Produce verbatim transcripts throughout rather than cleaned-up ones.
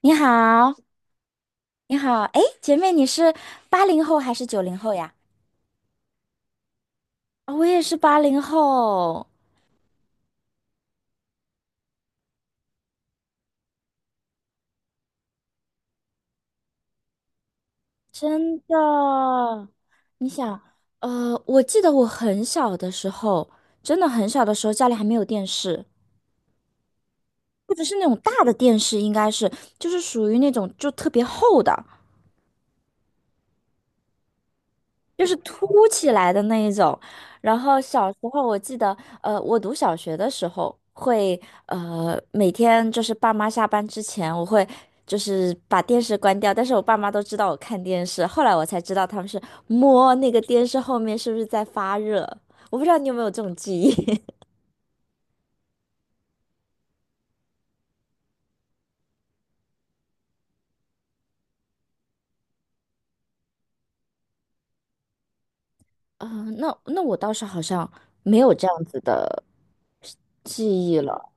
你好，你好，哎，姐妹，你是八零后还是九零后呀？啊，我也是八零后，真的。你想，呃，我记得我很小的时候，真的很小的时候，家里还没有电视，或者是那种大的电视，应该是就是属于那种就特别厚的，就是凸起来的那一种。然后小时候我记得，呃，我读小学的时候会，呃，每天就是爸妈下班之前，我会就是把电视关掉，但是我爸妈都知道我看电视，后来我才知道他们是摸那个电视后面是不是在发热。我不知道你有没有这种记忆。啊、那那我倒是好像没有这样子的记忆了。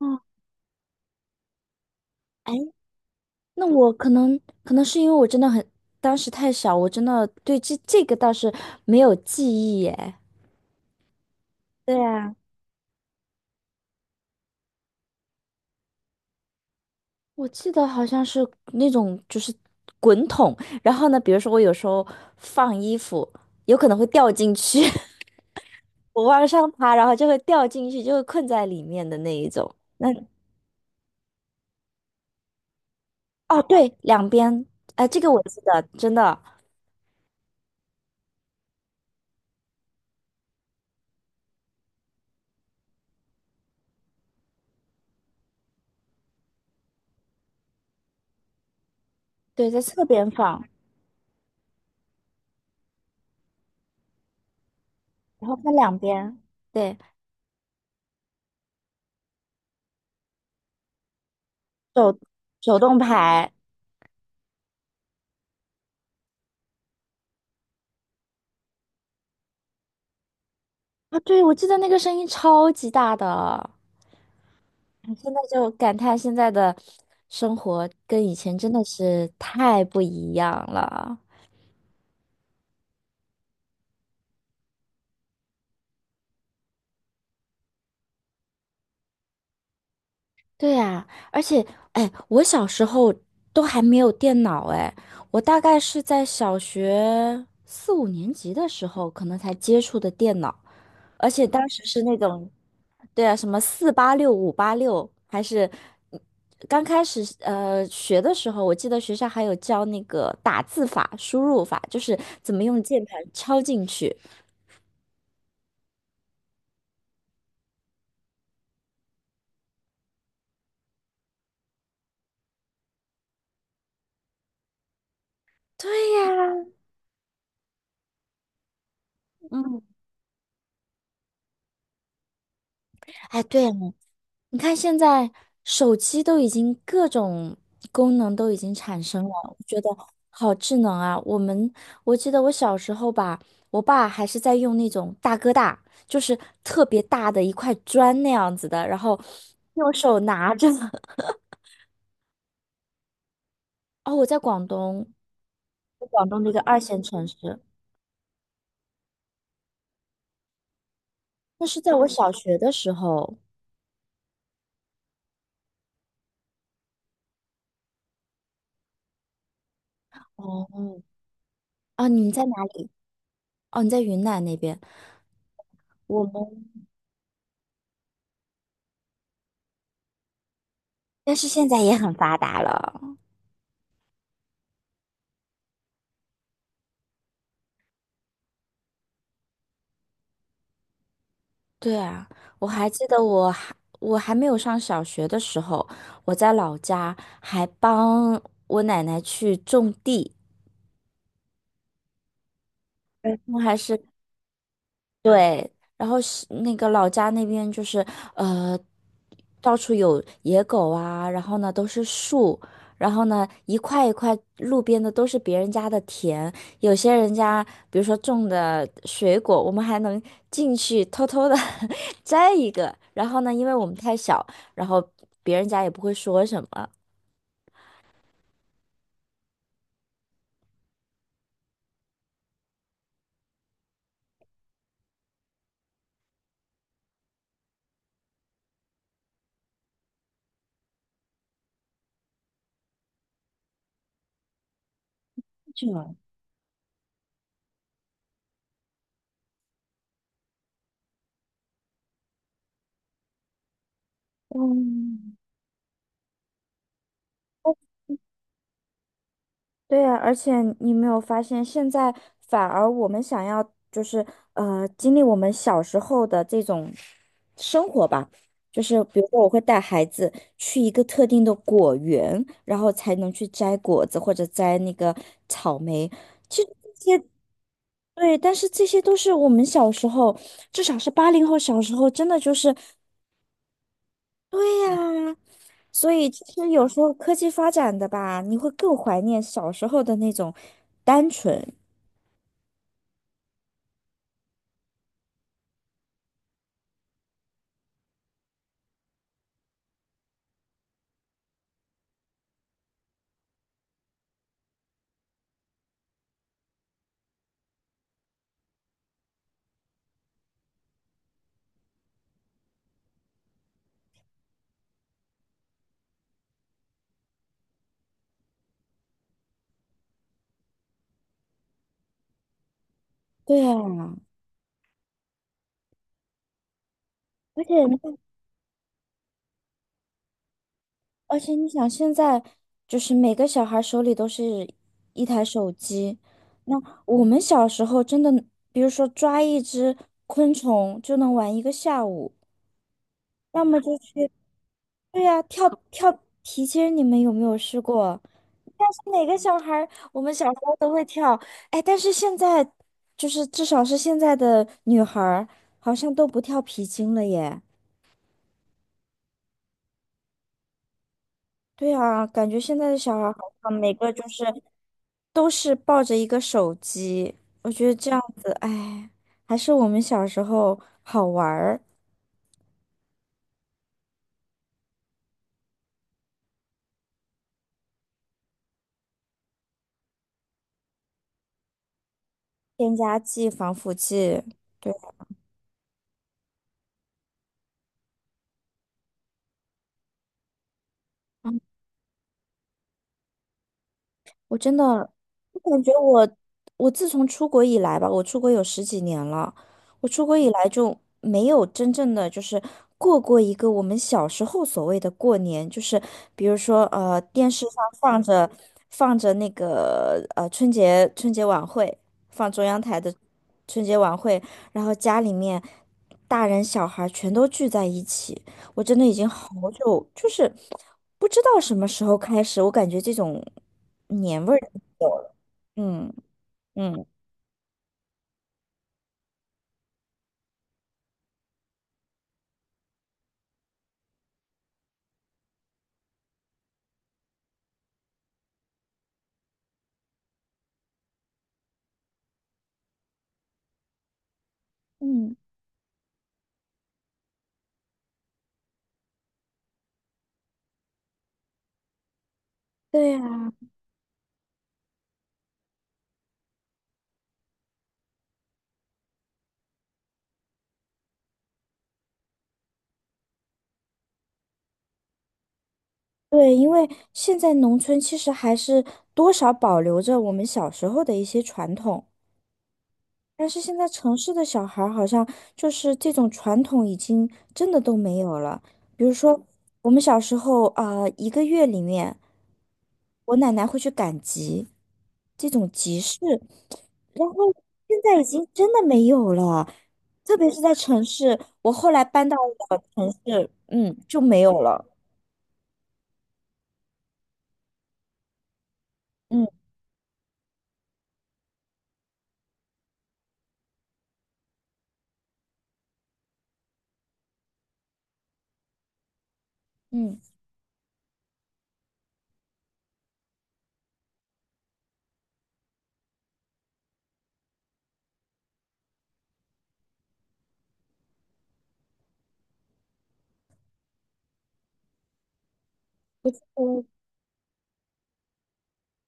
哦，哎，那我可能可能是因为我真的很，当时太小，我真的对这这个倒是没有记忆耶。对啊，我记得好像是那种就是滚筒，然后呢，比如说我有时候放衣服，有可能会掉进去，我往上爬，然后就会掉进去，就会困在里面的那一种。那哦，对，两边，哎，这个我记得，真的，对，在侧边放，然后分两边，对，手手动排。啊，对，我记得那个声音超级大的，现在就感叹现在的生活跟以前真的是太不一样了。对呀，而且，哎，我小时候都还没有电脑，哎，我大概是在小学四五年级的时候，可能才接触的电脑。而且当时是那种，对啊，什么四八六、五八六，还是嗯刚开始呃学的时候，我记得学校还有教那个打字法、输入法，就是怎么用键盘敲进去。对呀，嗯，哎，对呀你看现在手机都已经各种功能都已经产生了，我觉得好智能啊！我们我记得我小时候吧，我爸还是在用那种大哥大，就是特别大的一块砖那样子的，然后用手拿着。哦，我在广东，广东的一个二线城市，那是在我小学的时候。哦，啊，你们在哪里？哦，你在云南那边。我们，但是现在也很发达了。对啊，我还记得我还我还没有上小学的时候，我在老家还帮我奶奶去种地，嗯我还是对，然后是那个老家那边就是呃，到处有野狗啊，然后呢都是树，然后呢一块一块路边的都是别人家的田，有些人家比如说种的水果，我们还能进去偷偷的 摘一个，然后呢，因为我们太小，然后别人家也不会说什么。这样，嗯，对呀，而且你没有发现，现在反而我们想要就是呃，经历我们小时候的这种生活吧，就是比如说我会带孩子去一个特定的果园，然后才能去摘果子或者摘那个草莓，其实这些对，但是这些都是我们小时候，至少是八零后小时候，真的就是对呀，所以其实有时候科技发展的吧，你会更怀念小时候的那种单纯。对啊，而且你而且你想，现在就是每个小孩手里都是一台手机，那我们小时候真的，比如说抓一只昆虫就能玩一个下午，要么就去，对呀、跳跳皮筋，你们有没有试过？但是哪个小孩儿我们小时候都会跳，哎，但是现在就是至少是现在的女孩儿，好像都不跳皮筋了耶。对啊，感觉现在的小孩儿好像每个就是都是抱着一个手机，我觉得这样子，哎，还是我们小时候好玩儿，添加剂、防腐剂。对。我真的，我感觉我，我自从出国以来吧，我出国有十几年了，我出国以来就没有真正的就是过过一个我们小时候所谓的过年，就是比如说呃，电视上放着放着那个呃春节春节晚会，放中央台的春节晚会，然后家里面大人小孩全都聚在一起。我真的已经好久，就是不知道什么时候开始，我感觉这种年味儿，嗯嗯，对呀，对，因为现在农村其实还是多少保留着我们小时候的一些传统。但是现在城市的小孩儿好像就是这种传统已经真的都没有了。比如说，我们小时候啊、呃一个月里面，我奶奶会去赶集，这种集市，然后现在已经真的没有了。特别是在城市，我后来搬到了城市，嗯，就没有了。嗯嗯。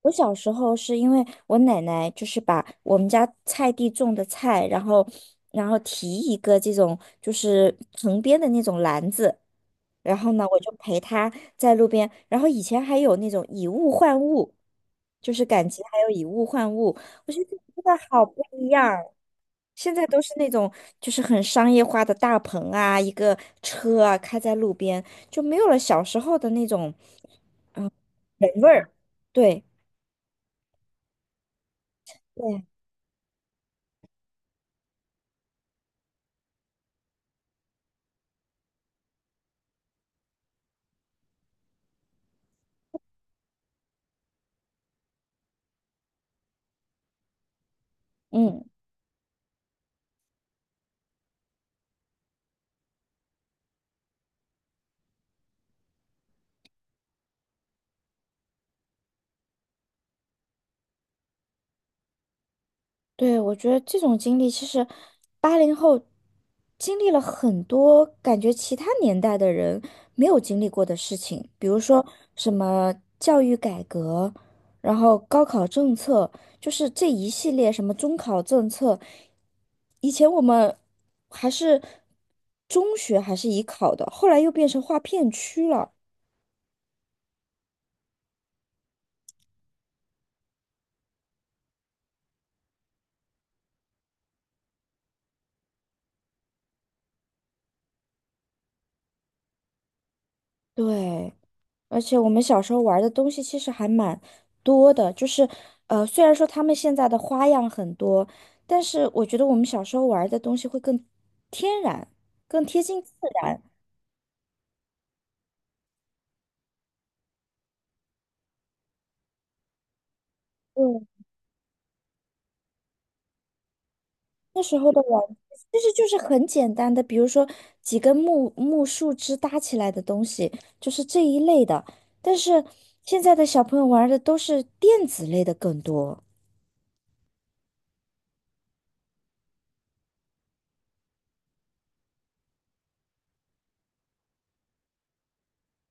我小时候是因为我奶奶就是把我们家菜地种的菜，然后然后提一个这种就是藤编的那种篮子，然后呢我就陪她在路边，然后以前还有那种以物换物，就是赶集还有以物换物，我觉得真的好不一样儿现在都是那种就是很商业化的大棚啊，一个车啊开在路边，就没有了小时候的那种人味儿。对，对，嗯。对，我觉得这种经历其实八零后经历了很多感觉其他年代的人没有经历过的事情，比如说什么教育改革，然后高考政策，就是这一系列什么中考政策，以前我们还是中学还是以考的，后来又变成划片区了。对，而且我们小时候玩的东西其实还蛮多的，就是，呃，虽然说他们现在的花样很多，但是我觉得我们小时候玩的东西会更天然，更贴近自然。嗯，那时候的玩，其实就是很简单的，比如说几根木木树枝搭起来的东西，就是这一类的。但是现在的小朋友玩的都是电子类的更多。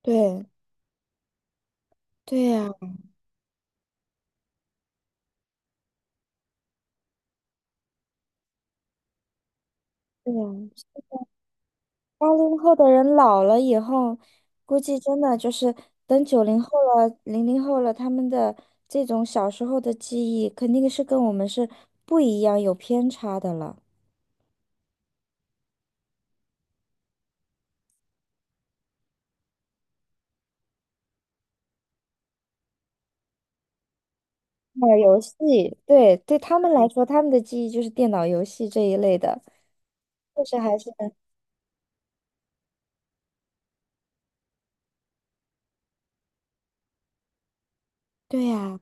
对，对呀，对呀。八零后的人老了以后，估计真的就是等九零后了、零零后了，他们的这种小时候的记忆，肯定是跟我们是不一样，有偏差的了。打游戏，对，对他们来说，他们的记忆就是电脑游戏这一类的，确实还是，对呀、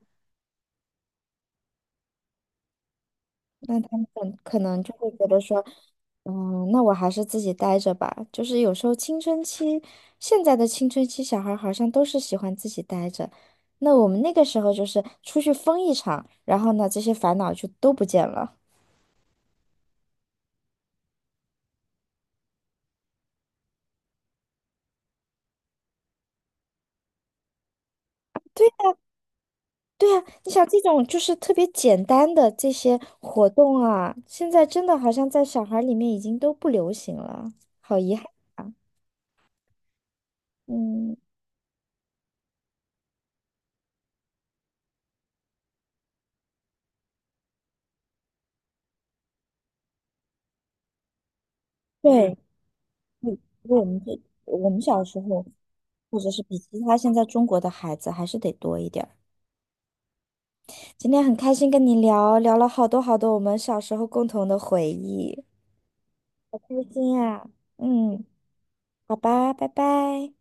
那他们可可能就会觉得说，嗯，那我还是自己待着吧。就是有时候青春期，现在的青春期小孩儿好像都是喜欢自己待着。那我们那个时候就是出去疯一场，然后呢，这些烦恼就都不见了。对对啊，你想这种就是特别简单的这些活动啊，现在真的好像在小孩儿里面已经都不流行了，好遗憾。嗯，对。因为我们这我们小时候，或者是比其他现在中国的孩子还是得多一点儿。今天很开心跟你聊，聊了好多好多我们小时候共同的回忆，好开心呀！嗯，好吧，拜拜。